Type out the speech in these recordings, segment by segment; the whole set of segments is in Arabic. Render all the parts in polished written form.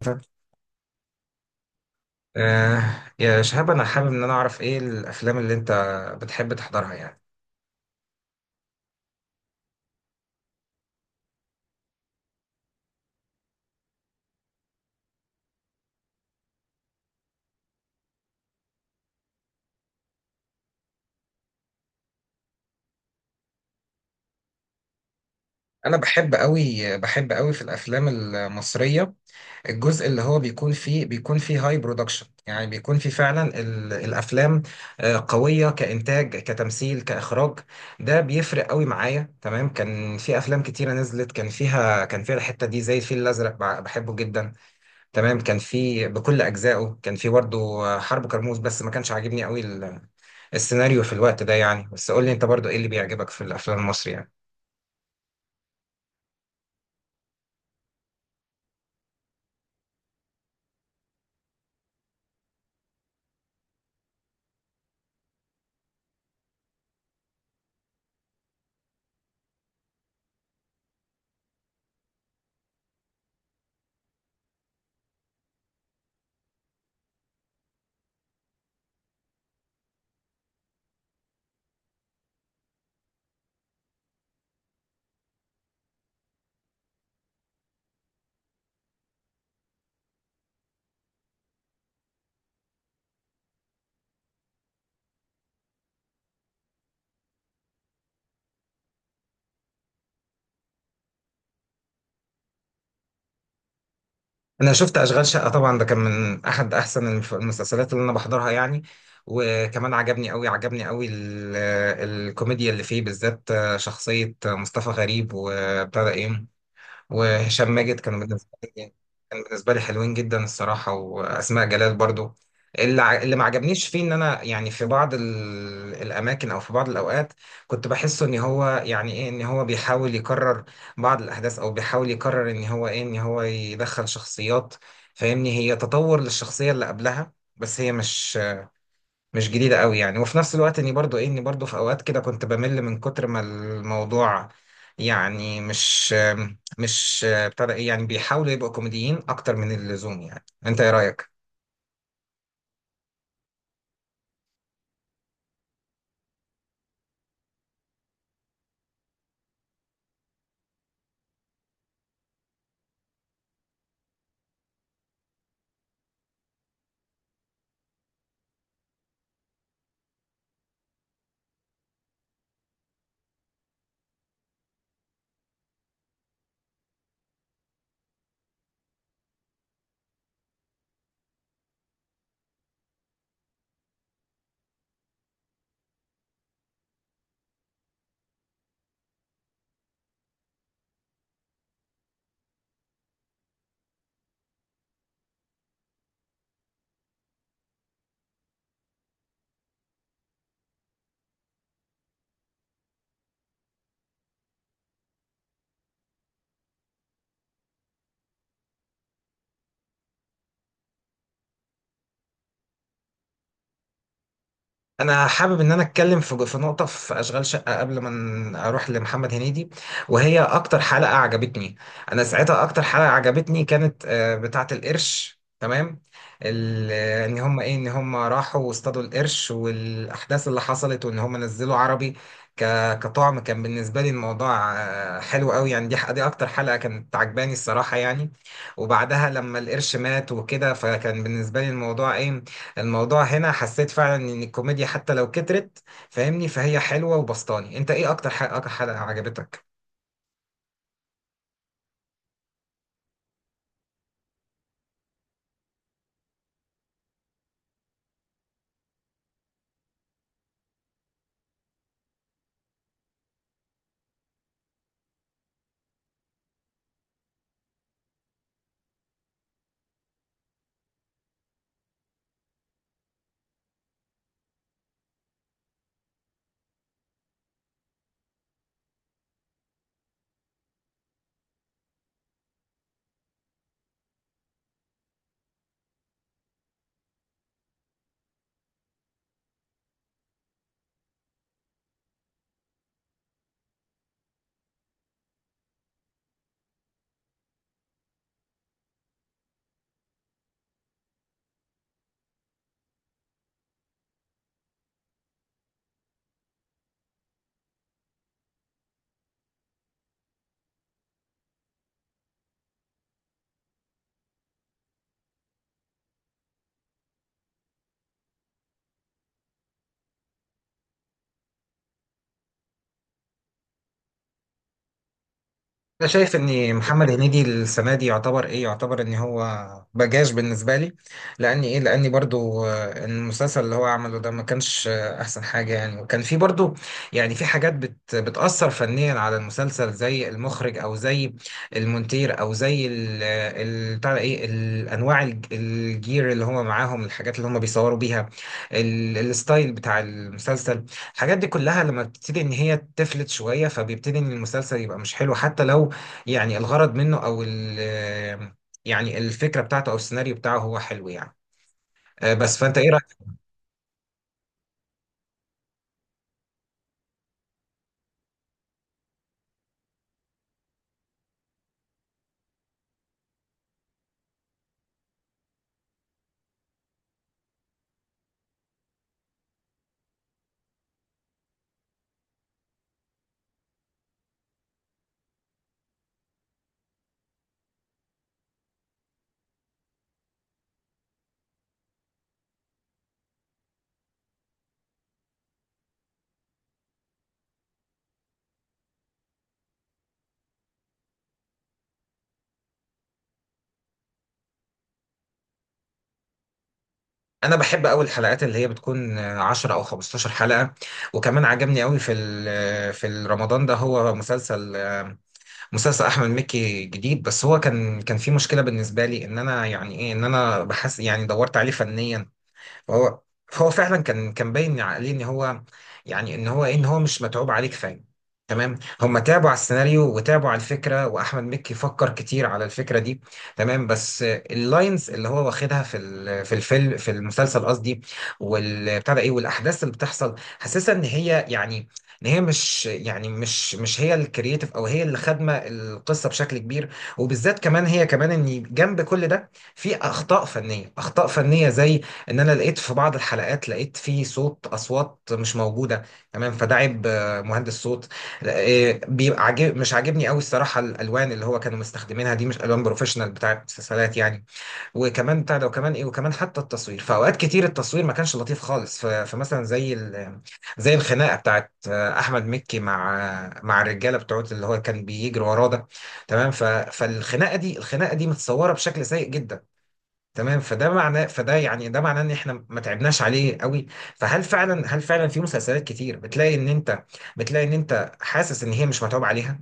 طب آه يا شهاب انا حابب ان انا اعرف ايه الافلام اللي انت بتحب تحضرها يعني. انا بحب قوي، بحب قوي في الافلام المصريه. الجزء اللي هو بيكون فيه هاي برودكشن، يعني بيكون فيه فعلا الافلام قويه كانتاج كتمثيل كاخراج. ده بيفرق قوي معايا. تمام، كان في افلام كتيره نزلت كان فيها الحته دي، زي الفيل الازرق، بحبه جدا. تمام، كان في بكل اجزائه، كان في برضه حرب كرموز، بس ما كانش عاجبني قوي السيناريو في الوقت ده يعني. بس قول لي انت برضه ايه اللي بيعجبك في الافلام المصري يعني. انا شفت اشغال شقة طبعا، ده كان من احد احسن المسلسلات اللي انا بحضرها يعني. وكمان عجبني قوي، عجبني قوي الكوميديا اللي فيه بالذات، شخصية مصطفى غريب وابتدى ايه وهشام ماجد لي كان بالنسبة لي حلوين جدا الصراحة، وأسماء جلال برضو. اللي ما عجبنيش فيه ان انا يعني في بعض الاماكن او في بعض الاوقات، كنت بحسه ان هو يعني ايه، ان هو بيحاول يكرر بعض الاحداث، او بيحاول يكرر ان هو ايه، ان هو يدخل شخصيات فاهمني هي تطور للشخصية اللي قبلها، بس هي مش جديدة قوي يعني. وفي نفس الوقت اني برضو ايه، اني برضو في اوقات كده كنت بمل من كتر ما الموضوع يعني، مش بتاع ده ايه، يعني بيحاولوا يبقوا كوميديين اكتر من اللزوم يعني. انت ايه رأيك؟ انا حابب ان انا اتكلم في نقطه في اشغال شقه قبل ما اروح لمحمد هنيدي. وهي اكتر حلقه عجبتني انا ساعتها، اكتر حلقه عجبتني كانت بتاعه القرش. تمام، ان هم ايه، ان هم راحوا واصطادوا القرش والاحداث اللي حصلت وان هم نزلوا عربي كطعم. كان بالنسبه لي الموضوع حلو قوي يعني، دي دي اكتر حلقه كانت عجباني الصراحه يعني. وبعدها لما القرش مات وكده، فكان بالنسبه لي الموضوع ايه، الموضوع هنا حسيت فعلا ان الكوميديا حتى لو كترت فاهمني، فهي حلوة وبسطاني. انت ايه اكتر حلقة، عجبتك؟ انا شايف ان محمد هنيدي السنه دي يعتبر ايه، يعتبر ان هو بجاش بالنسبه لي، لان ايه، لاني برضو المسلسل اللي هو عمله ده ما كانش احسن حاجه يعني، وكان في برضو يعني في حاجات بت بتاثر فنيا على المسلسل، زي المخرج او زي المونتير او زي بتاع ده ايه الانواع الجير اللي هم معاهم، الحاجات اللي هم بيصوروا بيها، الستايل بتاع المسلسل. الحاجات دي كلها لما بتبتدي ان هي تفلت شويه، فبيبتدي ان المسلسل يبقى مش حلو، حتى لو يعني الغرض منه او ال يعني الفكره بتاعته او السيناريو بتاعه هو حلو يعني. بس فانت ايه رايك؟ انا بحب قوي الحلقات اللي هي بتكون 10 او 15 حلقه. وكمان عجبني قوي في رمضان ده هو مسلسل مسلسل احمد مكي جديد، بس هو كان في مشكله بالنسبه لي ان انا يعني ايه، ان انا بحس يعني دورت عليه فنيا. فهو فهو فعلا كان باين عليه ان هو يعني ان هو إيه، ان هو مش متعوب عليه كفايه. تمام، هم تعبوا على السيناريو وتعبوا على الفكره، واحمد مكي فكر كتير على الفكره دي. تمام، بس اللاينز اللي هو واخدها في الفيلم، في المسلسل قصدي، والبتاع ده ايه، والاحداث اللي بتحصل حاسسها ان هي يعني ان هي مش يعني مش هي الكرييتيف، او هي اللي خادمه القصه بشكل كبير. وبالذات كمان هي كمان ان جنب كل ده في اخطاء فنيه، اخطاء فنيه زي ان انا لقيت في بعض الحلقات، لقيت في صوت، اصوات مش موجوده. تمام، فده عيب مهندس صوت. بيبقى عاجب، مش عاجبني قوي الصراحه الالوان اللي هو كانوا مستخدمينها دي، مش الوان بروفيشنال بتاع المسلسلات يعني. وكمان بتاع ده، وكمان ايه، وكمان حتى التصوير فاوقات كتير التصوير ما كانش لطيف خالص. فمثلا زي زي الخناقه بتاعت احمد مكي مع مع الرجاله بتوعت اللي هو كان بيجري وراه ده. تمام، فالخناقه دي، الخناقه دي متصوره بشكل سيء جدا. تمام، فده معناه، فده يعني ده معناه ان احنا ما تعبناش عليه قوي. فهل فعلا، هل فعلا في مسلسلات كتير بتلاقي ان انت، حاسس ان هي مش متعوب عليها؟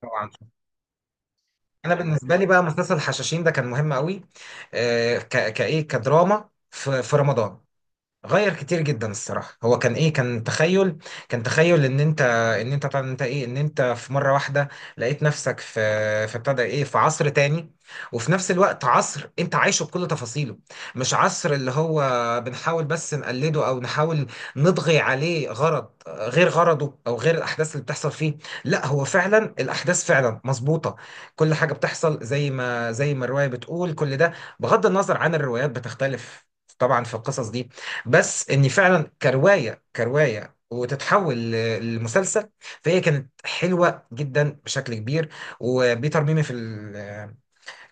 طبعا. انا بالنسبه لي بقى مسلسل الحشاشين ده كان مهم قوي، آه كايه، كدراما في رمضان، غير كتير جدا الصراحه. هو كان ايه، كان تخيل، ان انت، طبعا انت ايه ان انت في مره واحده لقيت نفسك في، في ابتدى ايه في عصر تاني. وفي نفس الوقت عصر انت عايشه بكل تفاصيله، مش عصر اللي هو بنحاول بس نقلده او نحاول نطغي عليه غرض غير غرضه او غير الاحداث اللي بتحصل فيه. لا، هو فعلا الاحداث فعلا مظبوطه، كل حاجه بتحصل زي ما الروايه بتقول. كل ده بغض النظر عن الروايات بتختلف طبعا في القصص دي، بس اني فعلا كروايه، كروايه وتتحول لمسلسل، فهي كانت حلوه جدا بشكل كبير. وبيتر ميمي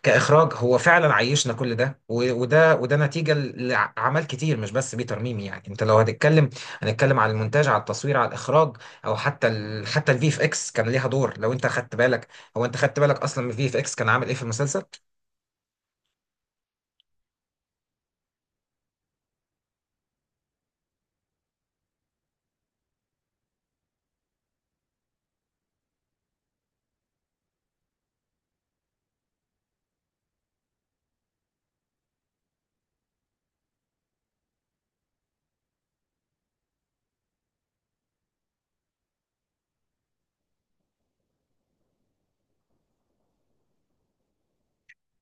كاخراج هو فعلا عيشنا كل ده. وده، وده نتيجه لعمل كتير، مش بس بيتر ميمي يعني. انت لو هتتكلم، هنتكلم على المونتاج، على التصوير، على الاخراج، او حتى حتى الفي اف اكس كان ليها دور لو انت خدت بالك. هو انت خدت بالك اصلا من الفي اف اكس كان عامل ايه في المسلسل؟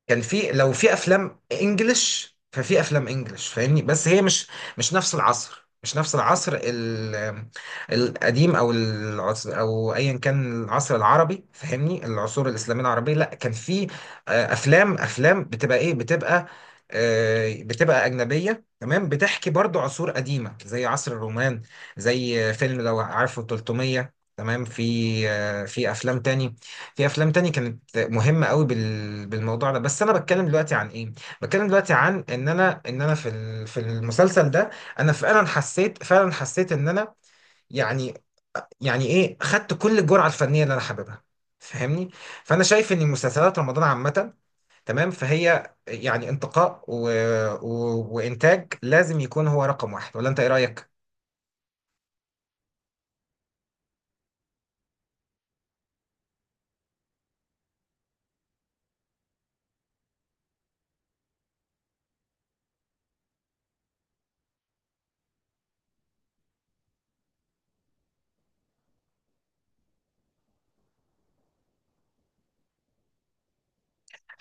كان في لو في افلام انجلش، فاهمني، بس هي مش نفس العصر القديم، او العصر او ايا كان العصر العربي فاهمني، العصور الاسلاميه العربيه. لا كان في افلام بتبقى ايه، بتبقى بتبقى أجنبية، تمام، بتحكي برضو عصور قديمة زي عصر الرومان، زي فيلم لو عارفه 300. تمام، في في أفلام تاني، في افلام تاني كانت مهمه قوي بالموضوع ده. بس انا بتكلم دلوقتي عن ايه، بتكلم دلوقتي عن ان انا، في في المسلسل ده انا فعلا حسيت، ان انا يعني، ايه خدت كل الجرعه الفنيه اللي انا حاببها فاهمني. فانا شايف ان مسلسلات رمضان عامه، تمام، فهي يعني انتقاء و... و... وانتاج لازم يكون هو رقم واحد. ولا انت ايه رايك؟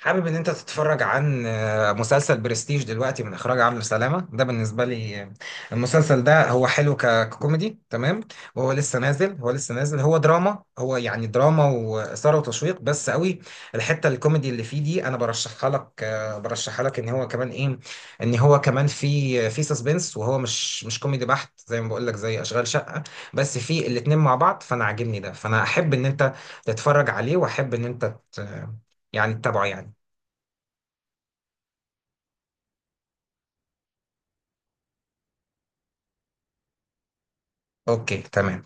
حابب ان انت تتفرج عن مسلسل برستيج دلوقتي من اخراج عمرو سلامه، ده بالنسبه لي المسلسل ده هو حلو ككوميدي. تمام، وهو لسه نازل، هو دراما، هو يعني دراما واثاره وتشويق بس قوي. الحته الكوميدي اللي فيه دي انا برشحها لك، ان هو كمان ايه، ان هو كمان في سسبنس، وهو مش كوميدي بحت زي ما بقول لك زي اشغال شقه، بس في الاتنين مع بعض فانا عاجبني ده. فانا احب ان انت تتفرج عليه، واحب يعني تتابعه يعني. اوكي تمام.